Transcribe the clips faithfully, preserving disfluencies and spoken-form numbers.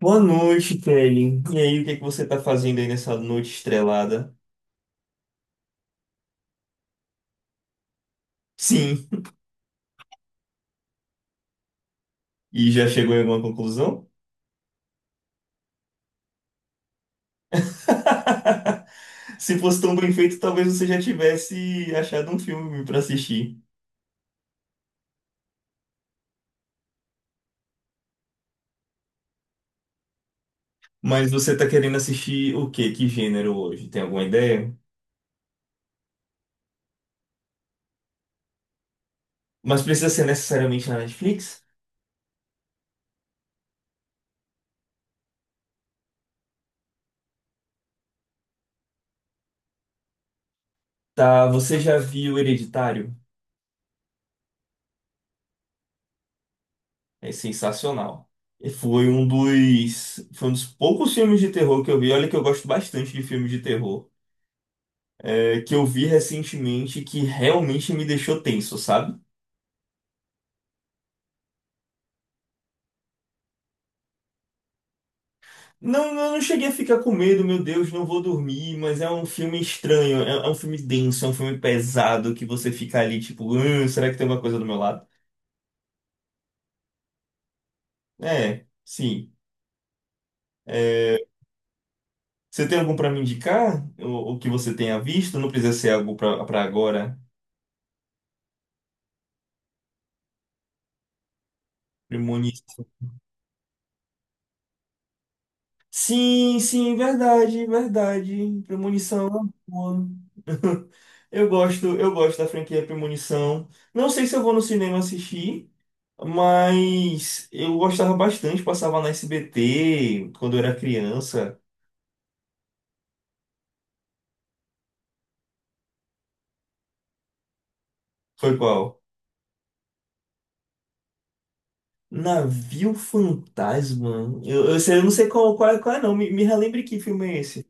Boa noite, Kelly. E aí, o que é que você tá fazendo aí nessa noite estrelada? Sim. E já chegou em alguma conclusão? Se fosse tão bem feito, talvez você já tivesse achado um filme pra assistir. Mas você tá querendo assistir o quê? Que gênero hoje? Tem alguma ideia? Mas precisa ser necessariamente na Netflix? Tá, você já viu Hereditário? É sensacional. E Foi um dos, foi um dos poucos filmes de terror que eu vi. Olha que eu gosto bastante de filmes de terror. É, que eu vi recentemente que realmente me deixou tenso, sabe? Não, eu não cheguei a ficar com medo, meu Deus, não vou dormir, mas é um filme estranho, é, é um filme denso, é um filme pesado que você fica ali tipo, "Hum, será que tem uma coisa do meu lado? É, sim. Você tem algum pra me indicar? O, o que você tenha visto? Não precisa ser algo pra pra agora. Premonição. Sim, sim, verdade, verdade. Premonição é uma boa. Eu gosto, eu gosto da franquia Premonição. Não sei se eu vou no cinema assistir, mas eu gostava bastante, passava na S B T quando eu era criança. Foi qual? Navio Fantasma. Eu, eu sei- eu não sei qual, qual, é, qual é não. Me, me relembre que filme é esse.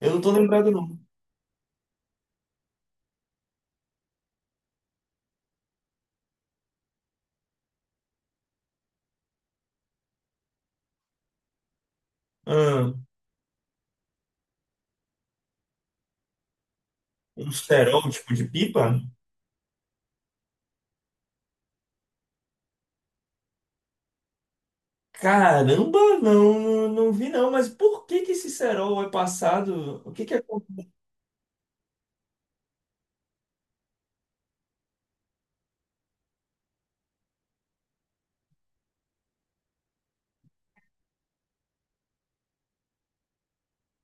Eu não tô lembrado não. Ah, um cerol tipo de pipa? Caramba, não, não, não vi não. Mas por que que esse cerol é passado? O que que é?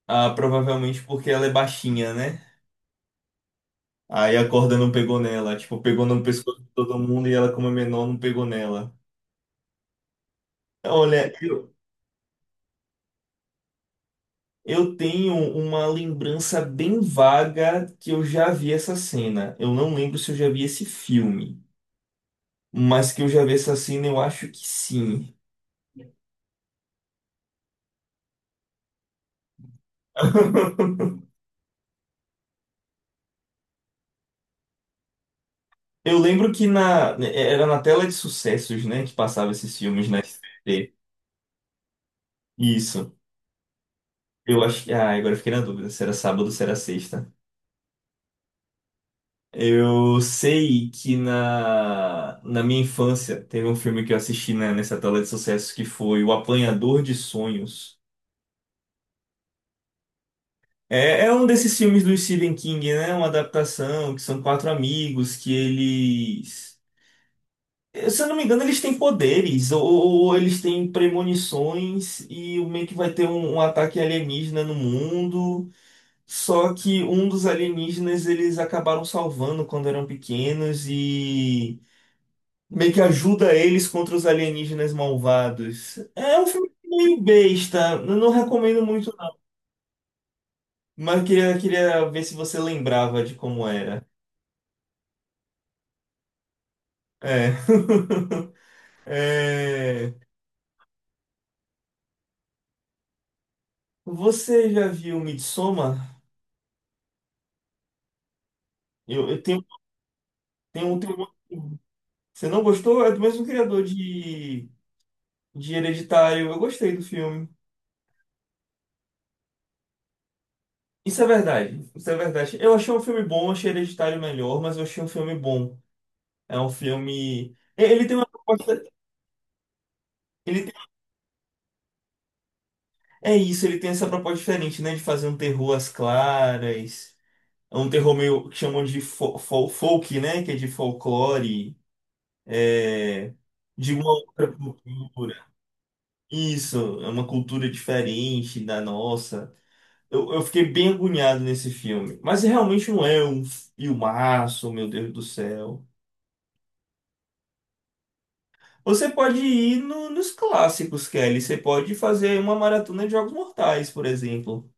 Ah, provavelmente porque ela é baixinha, né? Aí a corda não pegou nela, tipo, pegou no pescoço de todo mundo e ela, como é menor, não pegou nela. Olha, eu, eu tenho uma lembrança bem vaga que eu já vi essa cena. Eu não lembro se eu já vi esse filme, mas que eu já vi essa cena, eu acho que sim. Eu lembro que na, era na tela de sucessos, né, que passava esses filmes na S B T. Isso. Eu acho que. Ah, agora eu fiquei na dúvida se era sábado ou se era sexta. Eu sei que na, na minha infância teve um filme que eu assisti na- nessa tela de sucessos que foi O Apanhador de Sonhos. É, é um desses filmes do Stephen King, né? Uma adaptação que são quatro amigos que eles. eh, Se eu não me engano, eles têm poderes ou, ou eles têm premonições e o meio que vai ter um, um ataque alienígena no mundo. Só que um dos alienígenas eles acabaram salvando quando eram pequenos e. Meio que ajuda eles contra os alienígenas malvados. É um filme meio besta. Eu não recomendo muito, não. Mas eu queria, queria ver se você lembrava de como era. É. É. Você já viu Midsommar? Eu, eu tenho, tenho, tenho... Você não gostou? É do mesmo criador de, de Hereditário. Eu gostei do filme. Isso é verdade. Isso é verdade. Eu achei um filme bom, achei Hereditário melhor, mas eu achei um filme bom. É um filme. Ele tem uma proposta. Ele É isso, ele tem essa proposta diferente, né? De fazer um terror às claras. É um terror meio que chamam de fo- fol- folk, né? Que é de folclore, é, de uma outra cultura. Isso, é uma cultura diferente da nossa. Eu, eu fiquei bem agoniado nesse filme, mas realmente não é um filmaço, meu Deus do céu. Você pode ir no- nos clássicos, Kelly. Você pode fazer uma maratona de Jogos Mortais, por exemplo.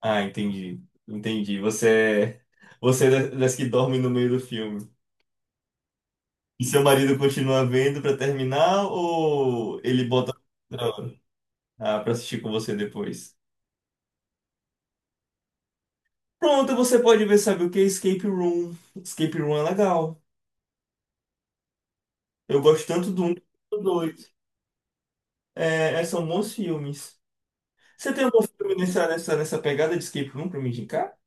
Ah, entendi. Entendi. Você é, você é da- das que dorme no meio do filme. E seu marido continua vendo pra terminar ou ele bota outra, ah, pra assistir com você depois? Pronto, você pode ver, sabe o que? Escape Room. Escape Room é legal. Eu gosto tanto do um quanto do dois. É, é, são bons filmes. Você tem algum filme nessa, nessa, nessa pegada de Escape Room pra me indicar?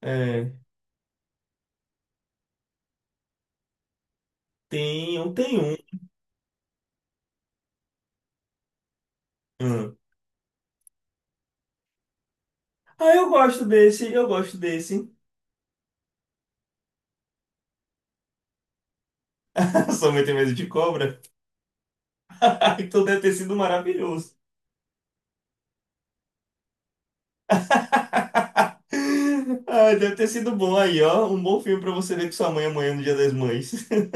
É, tem, eu tenho um. Hum. Ah, eu gosto desse, eu gosto desse. Sua mãe tem medo de cobra? Ah, então deve ter sido maravilhoso. Ai, deve ter sido bom aí, ó. Um bom filme pra você ver com sua mãe amanhã no Dia das Mães.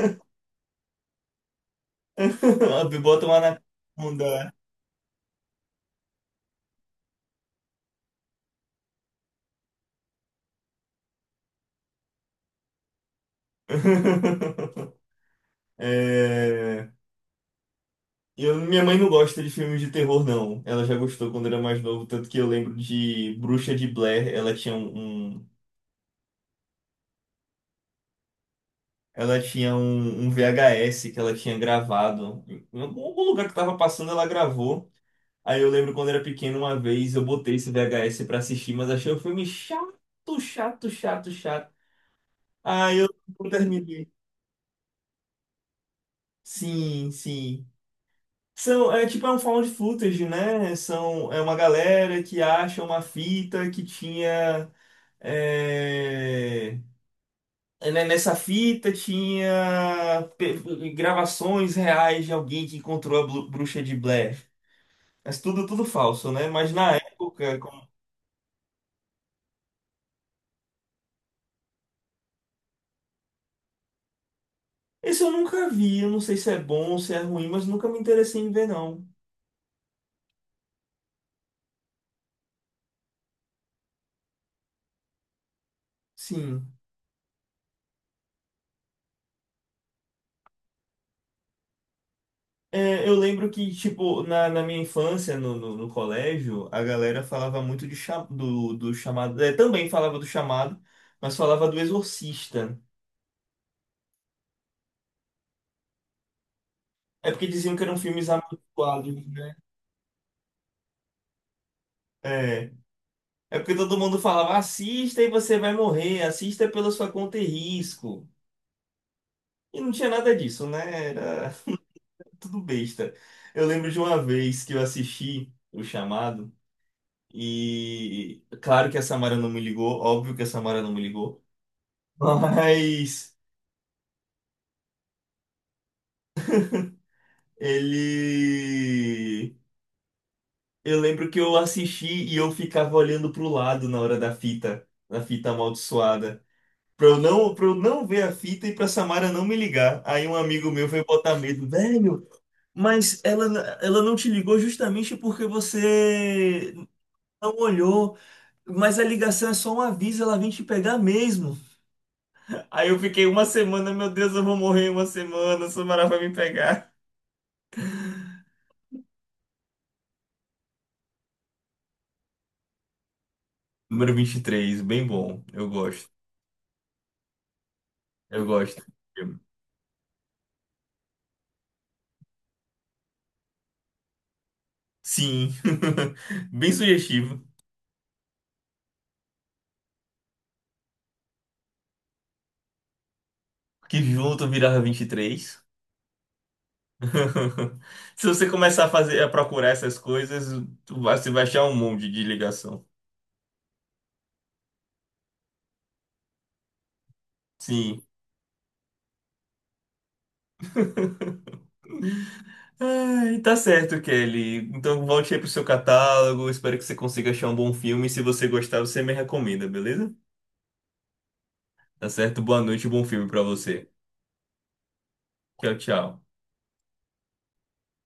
Ah, bota uma na bunda. É, eu, minha mãe não gosta de filmes de terror, não. Ela já gostou quando era mais novo, tanto que eu lembro de Bruxa de Blair. Ela tinha um, um- ela tinha um, um V H S que ela tinha gravado. Em algum lugar que tava passando, ela gravou. Aí eu lembro quando era pequeno, uma vez eu botei esse V H S pra assistir, mas achei o filme chato, chato, chato, chato. Aí eu não terminei. Sim, sim. São, é tipo, é um found footage, né? São, é uma galera que acha uma fita que tinha. é, é, né, Nessa fita tinha pe- gravações reais de alguém que encontrou a blu- bruxa de Blair. Mas tudo, tudo falso, né? Mas na época. Esse eu nunca vi, eu não sei se é bom ou se é ruim, mas nunca me interessei em ver, não. Sim. É, eu lembro que, tipo, na, na minha infância, no, no, no colégio, a galera falava muito de cha- do, do chamado. É, também falava do chamado, mas falava do Exorcista. É porque diziam que eram filmes amaldiçoados, né? É. É porque todo mundo falava, assista e você vai morrer, assista pela sua conta e risco. E não tinha nada disso, né? Era tudo besta. Eu lembro de uma vez que eu assisti o chamado. E claro que a Samara não me ligou, óbvio que a Samara não me ligou, mas ele. Eu lembro que eu assisti e eu ficava olhando pro lado na hora da fita, da fita amaldiçoada. Pra eu não, pra eu não ver a fita e pra Samara não me ligar. Aí um amigo meu foi botar medo, velho, mas ela, n- ela não te ligou justamente porque você não olhou. Mas a ligação é só um aviso, ela vem te pegar mesmo. Aí eu fiquei uma semana, meu Deus, eu vou morrer em uma semana, o Samara vai me pegar. Número vinte e três, bem bom. Eu gosto. Eu gosto. Sim. Bem sugestivo. Que junto virava vinte e três. Se você começar a fazer, a procurar essas coisas, tu vai- você vai achar um monte de ligação. Sim. Ai, tá certo, Kelly. Então volte aí pro seu catálogo. Espero que você consiga achar um bom filme. Se você gostar, você me recomenda, beleza? Tá certo? Boa noite, e bom filme pra você. Tchau, tchau.